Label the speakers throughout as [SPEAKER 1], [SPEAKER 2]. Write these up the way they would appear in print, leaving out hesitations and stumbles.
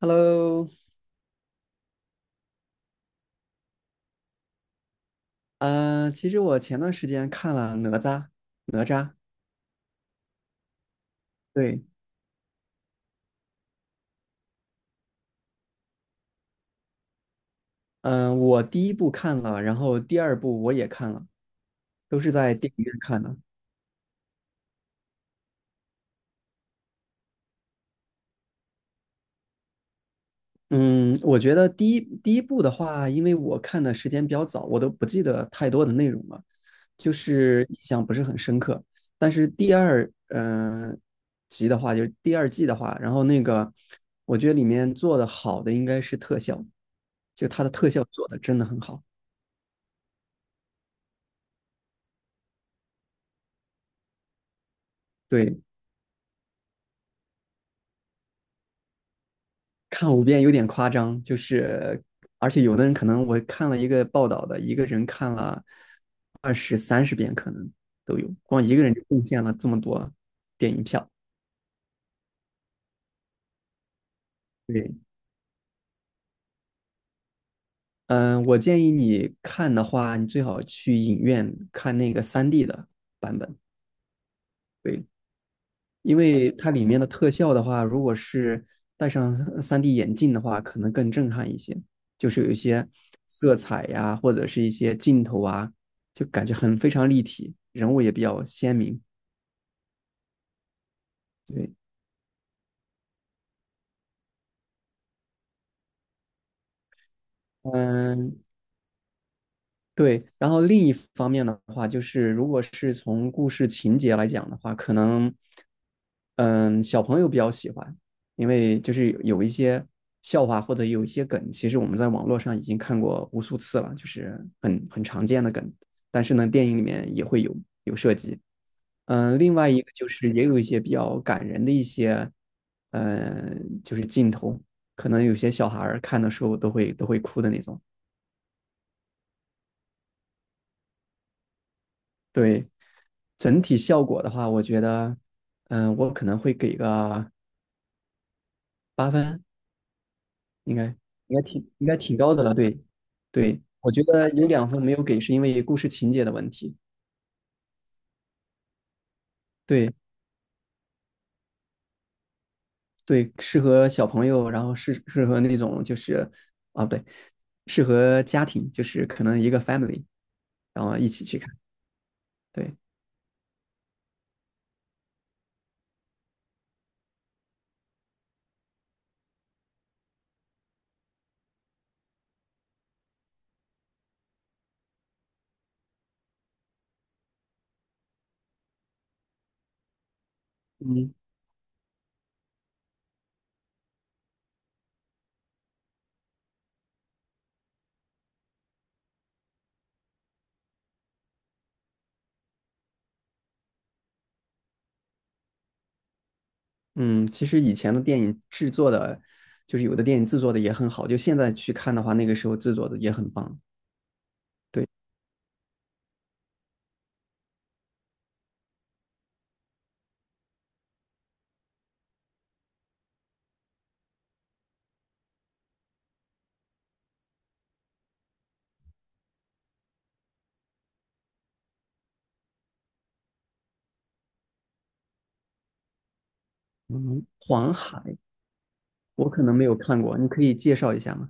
[SPEAKER 1] Hello，其实我前段时间看了《哪吒》，哪吒，对，嗯、我第一部看了，然后第二部我也看了，都是在电影院看的。嗯，我觉得第一部的话，因为我看的时间比较早，我都不记得太多的内容了，就是印象不是很深刻。但是第二，集的话，就是第二季的话，然后那个，我觉得里面做的好的应该是特效，就它的特效做的真的很好。对，看五遍有点夸张，就是而且有的人可能我看了一个报道的，一个人看了二十三十遍可能都有，光一个人就贡献了这么多电影票。对，嗯，我建议你看的话，你最好去影院看那个三 d 的版本。对，因为它里面的特效的话，如果是戴上 3D 眼镜的话，可能更震撼一些。就是有一些色彩呀、或者是一些镜头啊，就感觉很非常立体，人物也比较鲜明。对，嗯，对，然后另一方面的话，就是如果是从故事情节来讲的话，可能，嗯，小朋友比较喜欢，因为就是有一些笑话或者有一些梗，其实我们在网络上已经看过无数次了，就是很常见的梗，但是呢，电影里面也会有涉及。另外一个就是也有一些比较感人的一些，就是镜头，可能有些小孩儿看的时候都会哭的那种。对，整体效果的话，我觉得，我可能会给个八分，应该应该挺高的了。对，对，我觉得有两分没有给，是因为故事情节的问题。对对，适合小朋友，然后适合那种就是啊，不对，适合家庭，就是可能一个 family，然后一起去看。对，嗯嗯，其实以前的电影制作的，就是有的电影制作的也很好，就现在去看的话，那个时候制作的也很棒。对。嗯，黄海，我可能没有看过，你可以介绍一下吗？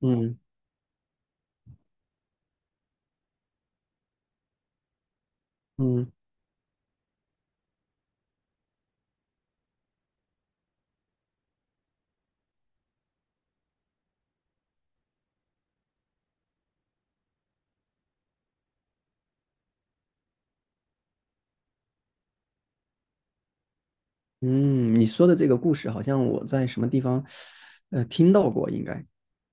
[SPEAKER 1] 嗯嗯嗯，你说的这个故事好像我在什么地方，听到过，应该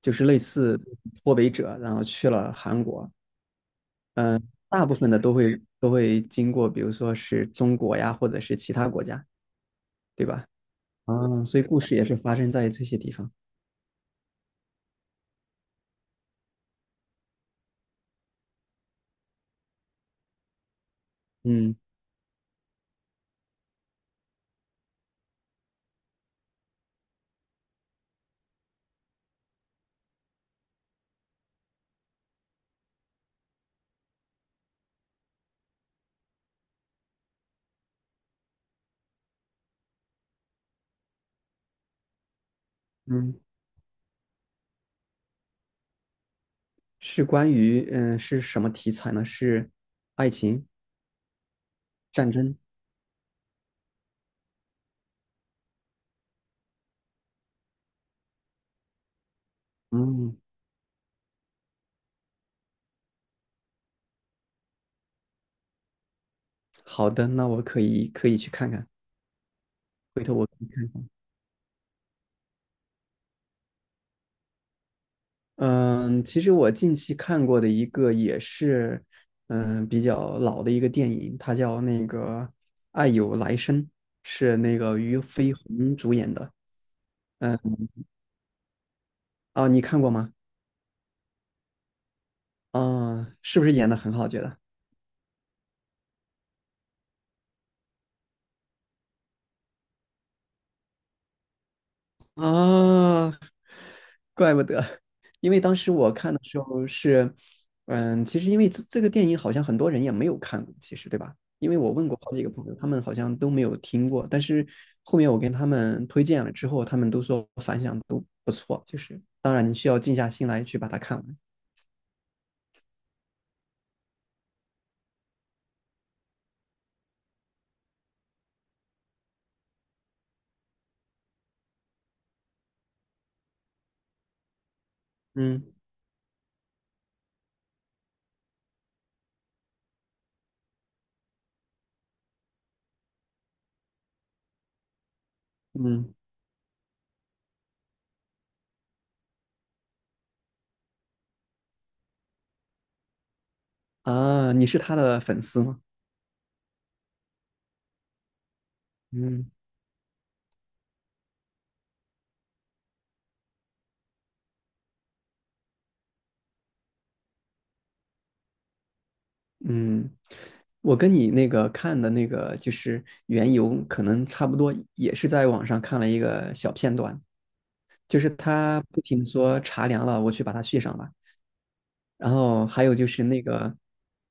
[SPEAKER 1] 就是类似脱北者，然后去了韩国，大部分的都会经过，比如说是中国呀，或者是其他国家，对吧？啊，所以故事也是发生在这些地方。嗯嗯，是关于是什么题材呢？是爱情、战争。嗯。好的，那我可以去看看。嗯，其实我近期看过的一个也是，比较老的一个电影，它叫那个《爱有来生》，是那个俞飞鸿主演的。嗯，哦，你看过吗？啊，是不是演的很好？觉得啊，怪不得，因为当时我看的时候是，其实因为这个电影好像很多人也没有看过，其实对吧？因为我问过好几个朋友，他们好像都没有听过，但是后面我跟他们推荐了之后，他们都说反响都不错，就是当然你需要静下心来去把它看完。嗯嗯啊，你是他的粉丝吗？嗯嗯，我跟你那个看的那个就是缘由，可能差不多，也是在网上看了一个小片段。就是他不停地说茶凉了，我去把它续上吧。然后还有就是那个，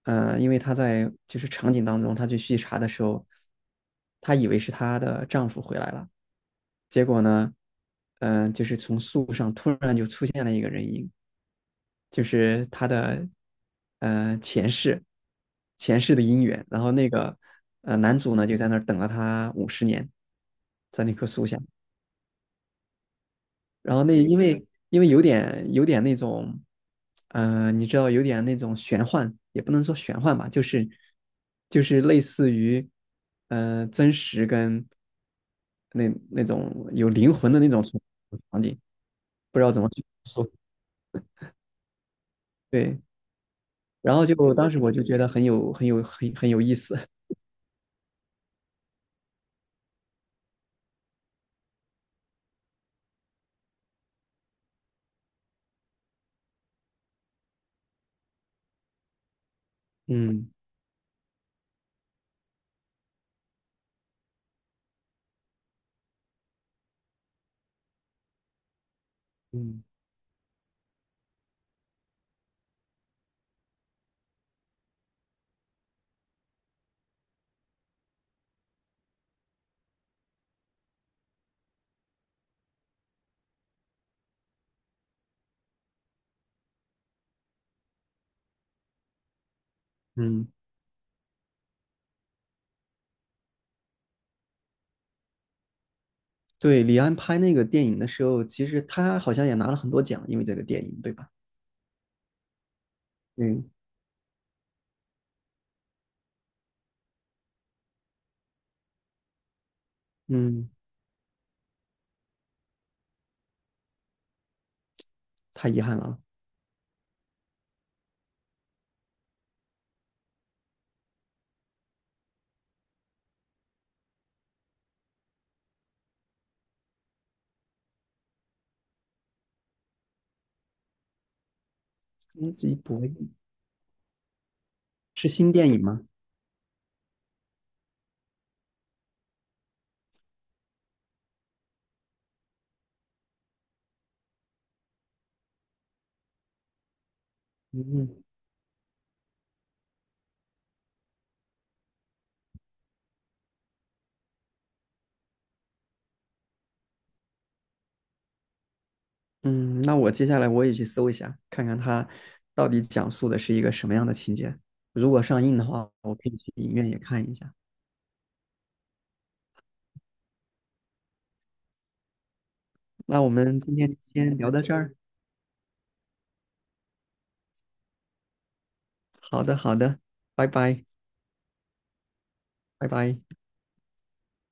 [SPEAKER 1] 因为她在就是场景当中，她去续茶的时候，她以为是她的丈夫回来了，结果呢，就是从树上突然就出现了一个人影，就是她的，呃，前世，前世的姻缘。然后那个，男主呢就在那儿等了她五十年，在那棵树下。然后那因为有点那种，你知道有点那种玄幻，也不能说玄幻吧，就是类似于，真实跟那种有灵魂的那种场景，不知道怎么去对。然后就当时我就觉得很有很有很很有意思，嗯嗯嗯，对，李安拍那个电影的时候，其实他好像也拿了很多奖，因为这个电影，对吧？嗯嗯，太遗憾了啊。终极博弈是新电影吗？嗯嗯，那我接下来我也去搜一下，看看它到底讲述的是一个什么样的情节。如果上映的话，我可以去影院也看一下。那我们今天就先聊到这儿。好的，好的，拜拜，拜拜。